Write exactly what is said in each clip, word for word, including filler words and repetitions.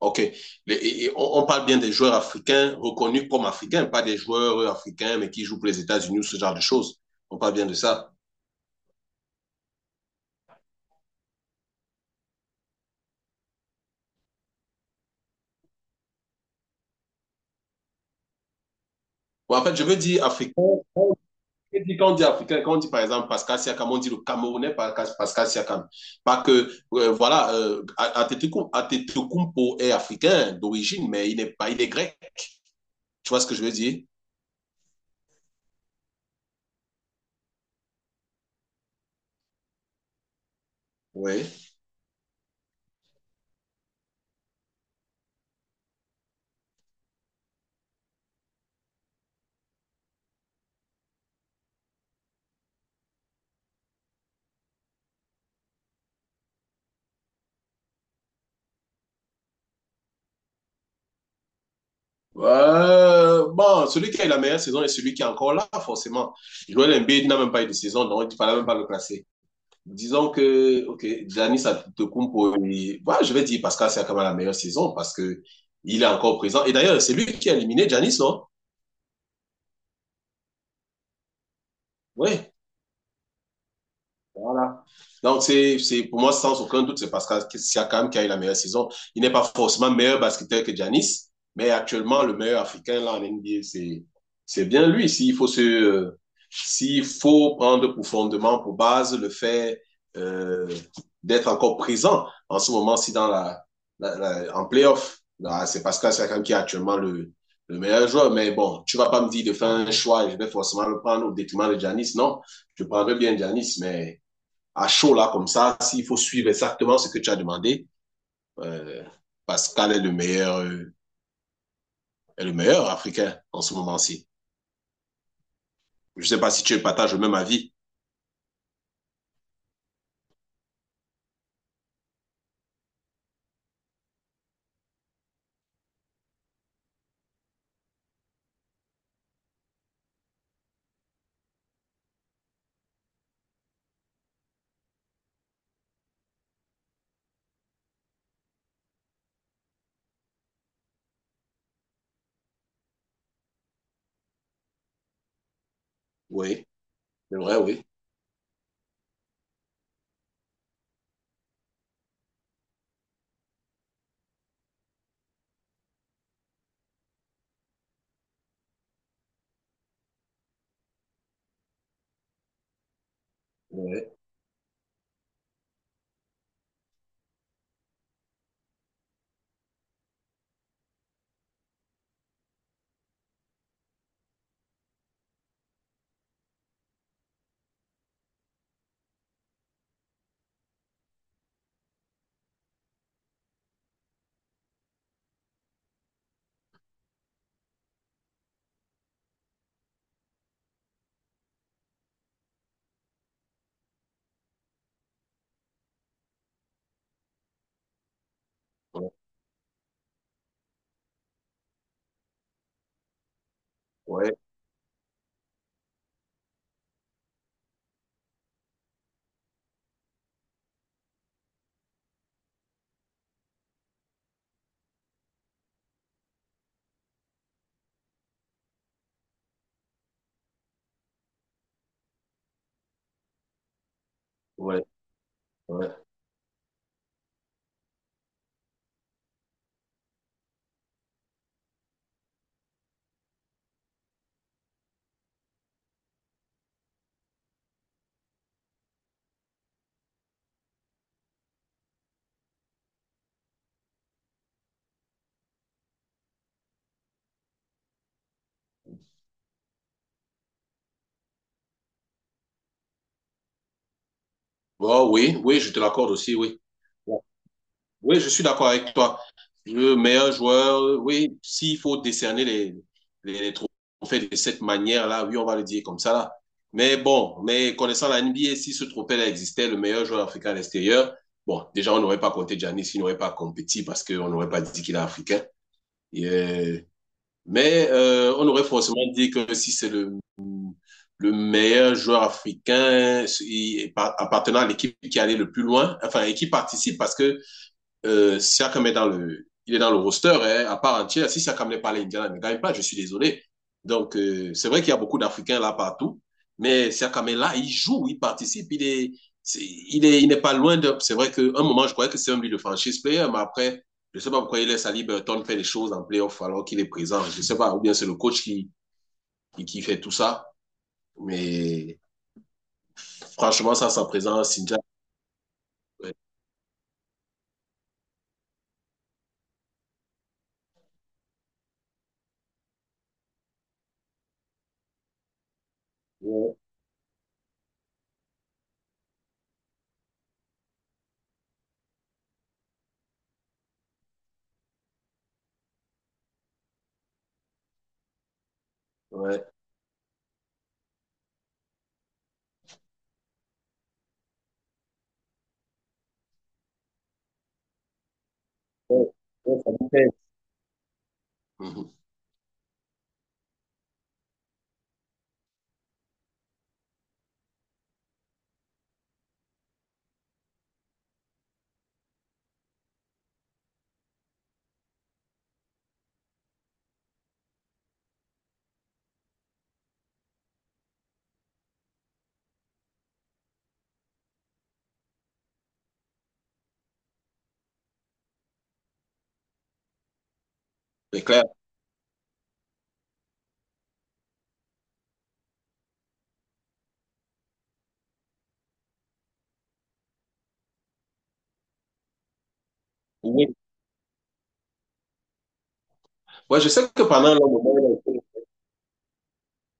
OK. Les- et- on, on parle bien des joueurs africains reconnus comme africains, pas des joueurs africains mais qui jouent pour les États-Unis ou ce genre de choses. On parle bien de ça. Bon, en fait, je veux dire africain. Et puis, quand on dit africain, quand on dit par exemple Pascal Siakam, on dit le Camerounais Pascal Pascal Siakam. Pas que, euh, voilà, euh, Atetokounmpo est africain d'origine, mais il n'est pas, il est grec. Tu vois ce que je veux dire? Oui. Euh, bon, celui qui a eu la meilleure saison est celui qui est encore là, forcément. Joel Embiid n'a même pas eu de saison, donc il ne fallait même pas le classer. Disons que, OK, Giannis Antetokounmpo, il- bah, je vais dire Pascal Siakam a la meilleure saison parce que il est encore présent. Et d'ailleurs, c'est lui qui a éliminé Giannis, non? Oui. Voilà. Donc, c'est, c'est, pour moi, sans aucun doute, c'est parce Pascal Siakam qui a eu la meilleure saison. Il n'est pas forcément meilleur basketteur que Giannis, mais actuellement, le meilleur Africain là en N B A, c'est, c'est bien lui. S'il faut se, euh, s'il faut prendre pour fondement, pour base, le fait euh, d'être encore présent en ce moment, si dans la, la, la en playoff, là, c'est Pascal Siakam qui est actuellement le, le meilleur joueur. Mais bon, tu vas pas me dire de faire un choix et je vais forcément le prendre au détriment de Giannis. Non, je prendrais bien Giannis, mais à chaud là comme ça, s'il faut suivre exactement ce que tu as demandé, euh, Pascal est le meilleur, euh, est le meilleur africain en ce moment-ci. Je ne sais pas si tu partages le même avis. Oui, c'est vrai, oui. Oui, oui, oui. Ouais, ouais, ouais, ouais. Bon, oui, oui, je te l'accorde aussi, oui. Bon, oui, je suis d'accord avec toi. Le meilleur joueur, oui, s'il faut décerner les, les, les trophées de cette manière-là, oui, on va le dire comme ça là. Mais bon, mais connaissant la N B A, si ce trophée-là existait, le meilleur joueur africain à l'extérieur, bon, déjà, on n'aurait pas compté Giannis, il n'aurait pas compétit parce qu'on n'aurait pas dit qu'il est africain. Et, euh, mais euh, on aurait forcément dit que si c'est le, le meilleur joueur africain il est par- appartenant à l'équipe qui allait le plus loin, enfin, et qui participe parce que euh, Siakam est dans le, il est dans le roster hein, à part entière. Si Siakam n'est pas là, Indiana ne gagne pas, je suis désolé. Donc, euh, c'est vrai qu'il y a beaucoup d'Africains là partout, mais Siakam est là, il joue, il participe, il est, c'est- il est, il n'est pas loin de. C'est vrai qu'à un moment, je croyais que c'est un lui le franchise player, mais après, je ne sais pas pourquoi il laisse Ali Burton faire les choses en playoff alors qu'il est présent. Je ne sais pas, ou bien c'est le coach qui, qui, qui fait tout ça. Mais franchement, ça, sa présence, Sinja, ouais, ouais, ouais, ouais, ça me plaît. Mhm. C'est clair. Oui, ouais, je sais que pendant un long moment, il a été,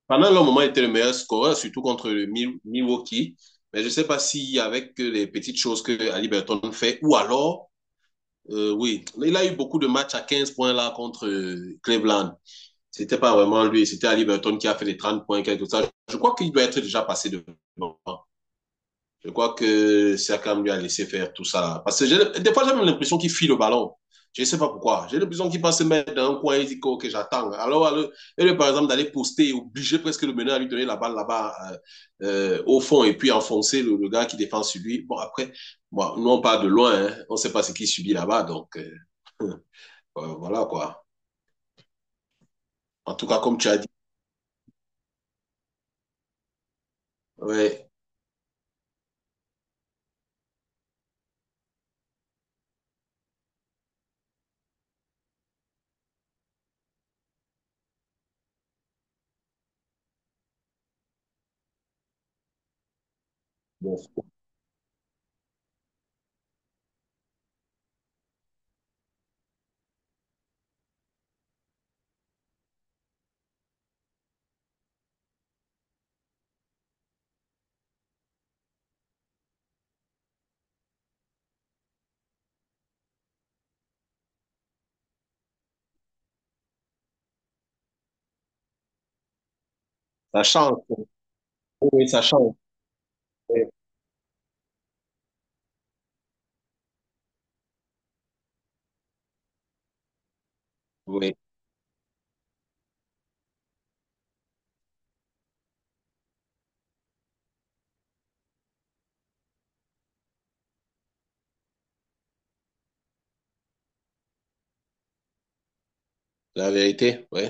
pendant un long moment, il était le meilleur scoreur, surtout contre le Mi- Milwaukee. Mais je ne sais pas si avec euh, les petites choses que Ali Burton fait, ou alors, euh, oui, il a eu beaucoup de matchs à quinze points là contre euh, Cleveland. C'était pas vraiment lui, c'était Ali Burton qui a fait les trente points, quelque chose. Je crois qu'il doit être déjà passé devant. Je crois que Siakam lui a laissé faire tout ça. Parce que des fois, j'ai même l'impression qu'il file le ballon. Je ne sais pas pourquoi. J'ai l'impression qu'il va se mettre dans un coin et dit que ok, j'attends. Alors, alors lui, par exemple, d'aller poster, obliger presque le meneur à lui donner la balle là-bas euh, euh, au fond et puis enfoncer le, le, gars qui défend sur lui. Bon, après, bon, nous, on part de loin. Hein. On ne sait pas ce qu'il subit là-bas. Donc, euh, euh, voilà quoi. En tout cas, comme tu as dit, ouais, bon, ça change. Oui, ça change. Oui, la vérité, oui.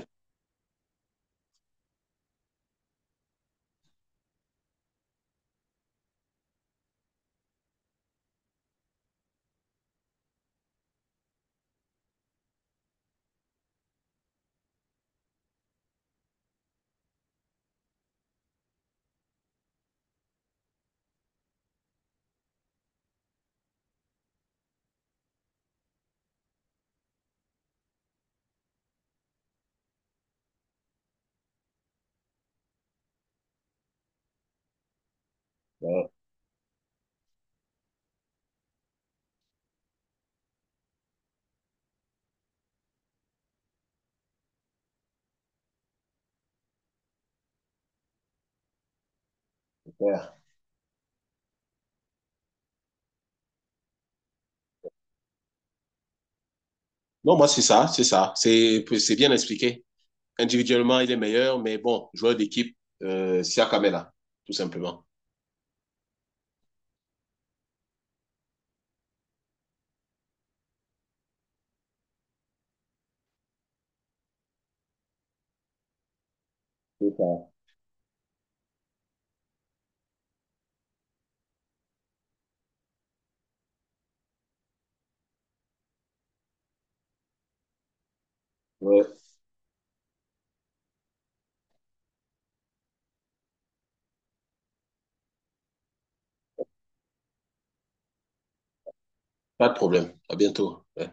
Ouais, non, moi, c'est ça, c'est ça. C'est, c'est bien expliqué. Individuellement, il est meilleur, mais bon, joueur d'équipe, euh, Siakam est là, tout simplement. C'est ça. Ouais. Pas de problème. À bientôt. Ouais.